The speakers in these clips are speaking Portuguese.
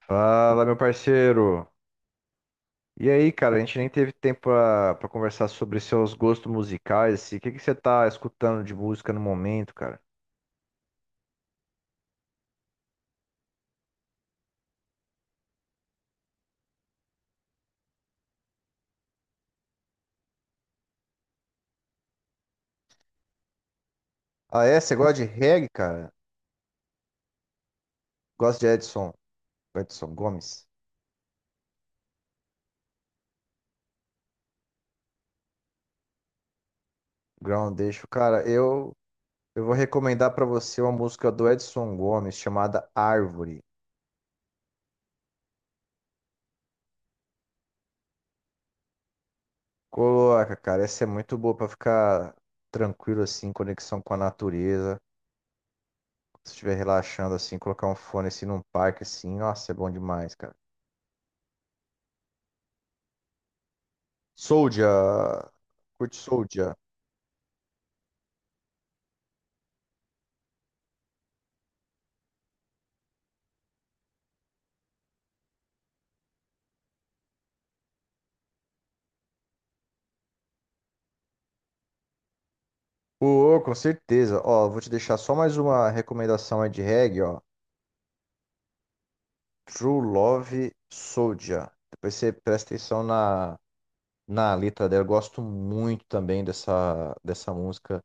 Fala, meu parceiro. E aí, cara, a gente nem teve tempo pra conversar sobre seus gostos musicais assim. O que que você tá escutando de música no momento, cara? Ah, é? Você gosta de reggae, cara? Gosto de Edson, Edson Gomes, Groundation. Eu vou recomendar pra você uma música do Edson Gomes chamada Árvore. Coloca, cara, essa é muito boa pra ficar tranquilo assim, em conexão com a natureza. Se estiver relaxando assim, colocar um fone assim num parque assim, nossa, é bom demais, cara. Soldier. Curte Soldier. Ô, com certeza. Ó, vou te deixar só mais uma recomendação aí de reggae, ó. True Love Soldier. Depois você presta atenção na letra dela. Eu gosto muito também dessa música.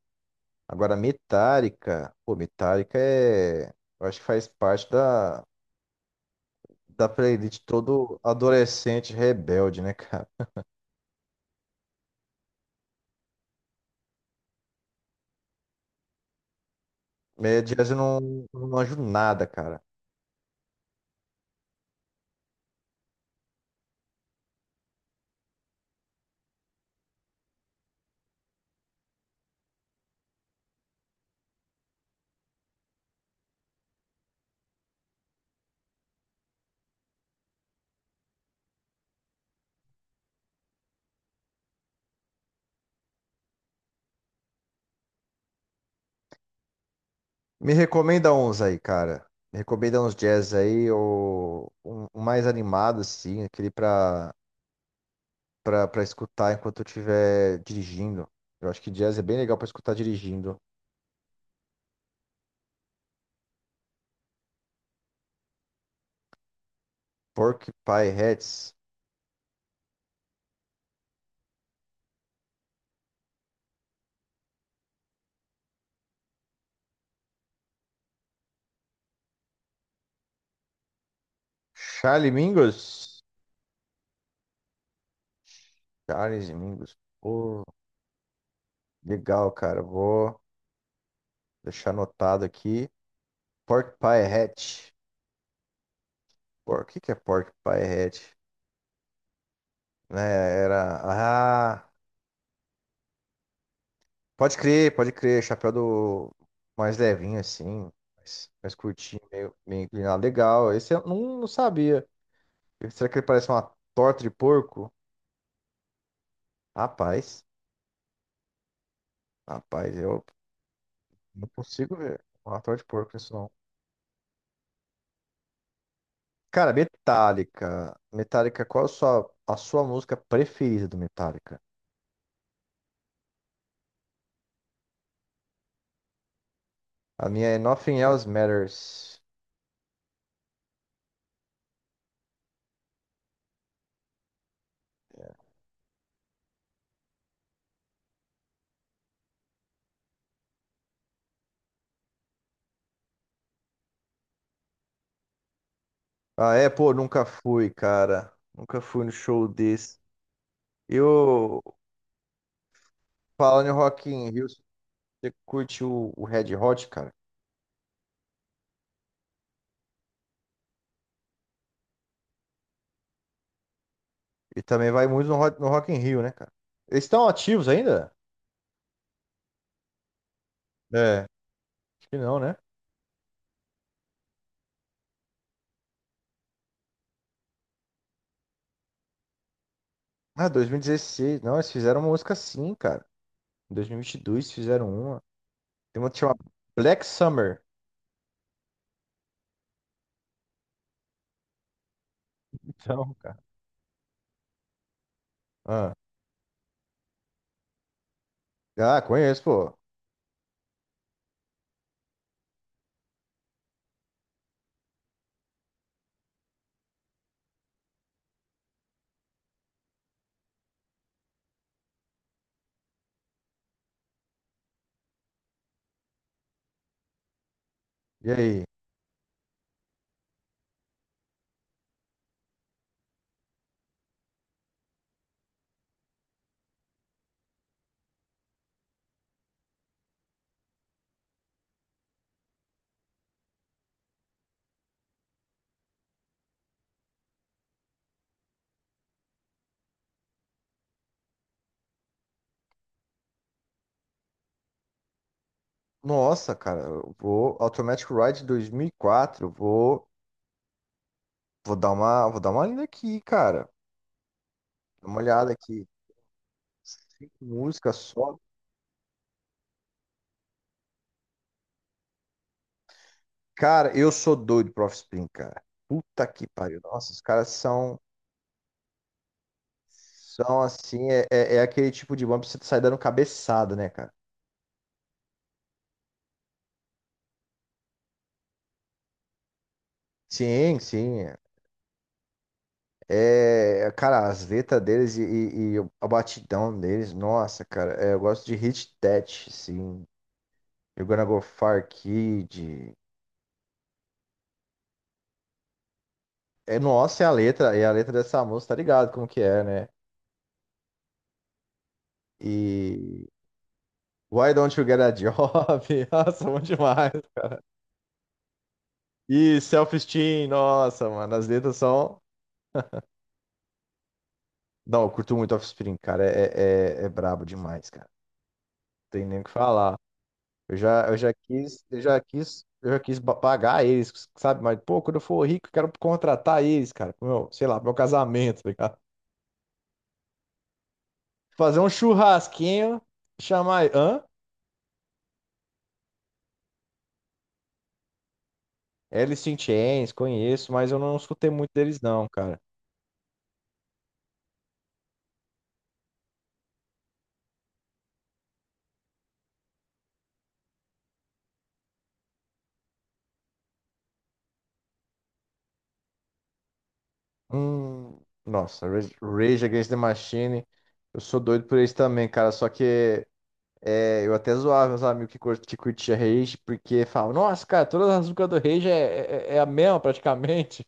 Agora, Metallica. Pô, Metallica é. Eu acho que faz parte da playlist todo adolescente rebelde, né, cara? Jazz eu não manjo nada, cara. Me recomenda uns aí, cara. Me recomenda uns jazz aí, ou um mais animado, assim, aquele pra escutar enquanto eu estiver dirigindo. Eu acho que jazz é bem legal pra escutar dirigindo. Porcupine Heads. Charlie Mingus. Charles Mingus. Pô, legal, cara. Vou deixar anotado aqui. Porcupine Head. Por que que é Porcupine Head? Né, era. Ah, pode crer, pode crer. Chapéu do mais levinho, assim, mais curtinho, meio inclinado. Legal. Esse eu não sabia. Será que ele parece uma torta de porco? Rapaz, rapaz, eu não consigo ver uma torta de porco isso não. Cara, Metallica. Metallica, qual a a sua música preferida do Metallica? A minha é Nothing Else Matters. Ah, é, pô, nunca fui, cara. Nunca fui no show desse. Eu, falando em Rock in Rio, você curte o Red Hot, cara? E também vai muito no no Rock in Rio, né, cara? Eles estão ativos ainda? É, acho que não, né? Ah, 2016. Não, eles fizeram uma música sim, cara. Em 2022 fizeram uma. Tem uma que chama Black Summer. Então, cara. Ah, ah, conheço, pô. E aí? Nossa, cara, eu vou Automatic Ride 2004. Vou dar vou dar uma lida aqui, cara. Dá uma olhada aqui. Cinco músicas só. Cara, eu sou doido pro Offspring, cara. Puta que pariu. Nossa, os caras são, são assim, é aquele tipo de banda que você sai dando cabeçada, né, cara? Sim, sim. É, cara, as letras deles e a batidão deles, nossa, cara, é, eu gosto de Hit That, sim. You're Gonna Go Far Kid. É, nossa, é a letra dessa música, tá ligado como que é, né? E Why Don't You Get a Job? Nossa, bom demais. E Self-Esteem, nossa, mano, as letras são. Não, eu curto muito Offspring, cara. É brabo demais, cara. Não tem nem o que falar. Eu já quis pagar eles, sabe? Mas, pô, quando eu for rico, eu quero contratar eles, cara. Pro pro meu casamento, tá ligado? Fazer um churrasquinho, chamar. Hã? Alice in Chains, conheço, mas eu não escutei muito deles, não, cara. Hum, nossa, Rage Against the Machine. Eu sou doido por eles também, cara. Só que é, eu até zoava meus amigos que curtia Rage, porque falavam, nossa, cara, todas as músicas do Rage é a mesma praticamente.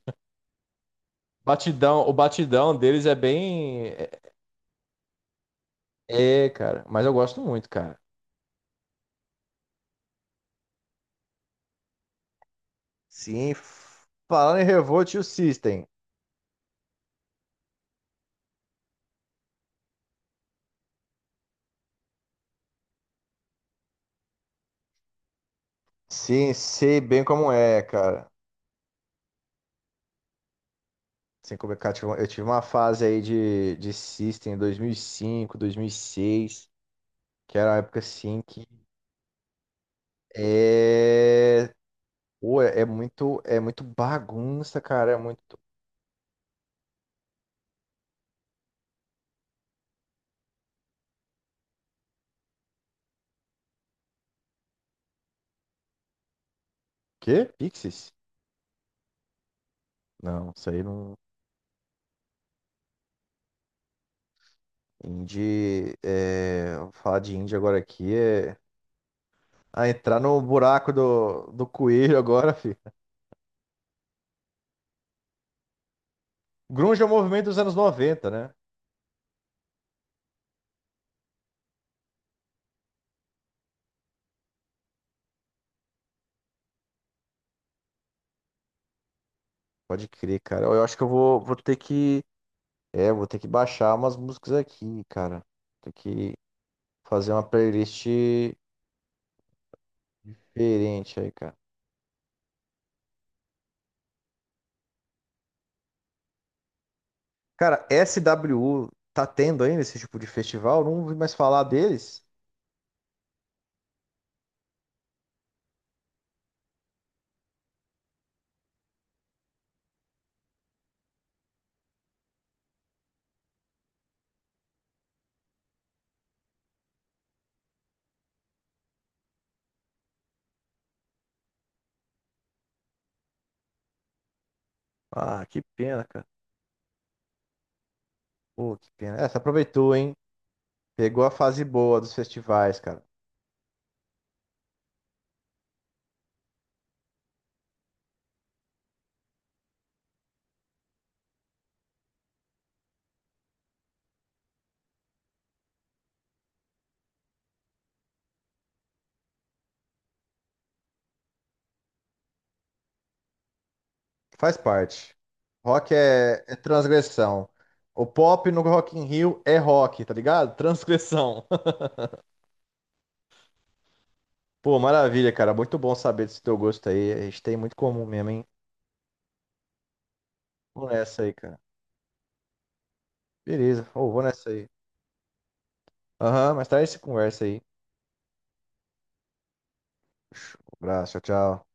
Batidão, o batidão deles é bem. Cara, mas eu gosto muito, cara. Sim, falando em Revolt e o System. Sim, sei bem como é, cara. Sem complicar, eu tive uma fase aí de System em 2005, 2006, que era uma época assim que. É. Pô, é muito bagunça, cara. É muito. Quê? Pixies? Não, isso aí não. Indie. É... Falar de indie agora aqui é. Ah, entrar no buraco do coelho agora, filho. Grunge é o movimento dos anos 90, né? Pode crer, cara. Eu acho que eu vou, vou ter que. É, vou ter que baixar umas músicas aqui, cara. Tem que fazer uma playlist diferente aí, cara. Cara, SWU tá tendo ainda esse tipo de festival? Não ouvi mais falar deles. Ah, que pena, cara. Pô, que pena. É, você aproveitou, hein? Pegou a fase boa dos festivais, cara. Faz parte. Rock é, é transgressão. O pop no Rock in Rio é rock, tá ligado? Transgressão. Pô, maravilha, cara. Muito bom saber desse teu gosto aí. A gente tem muito comum mesmo, hein? Vou nessa aí, cara. Beleza. Ô, vou nessa aí. Aham, mas mais tarde se conversa aí. Um abraço, tchau, tchau.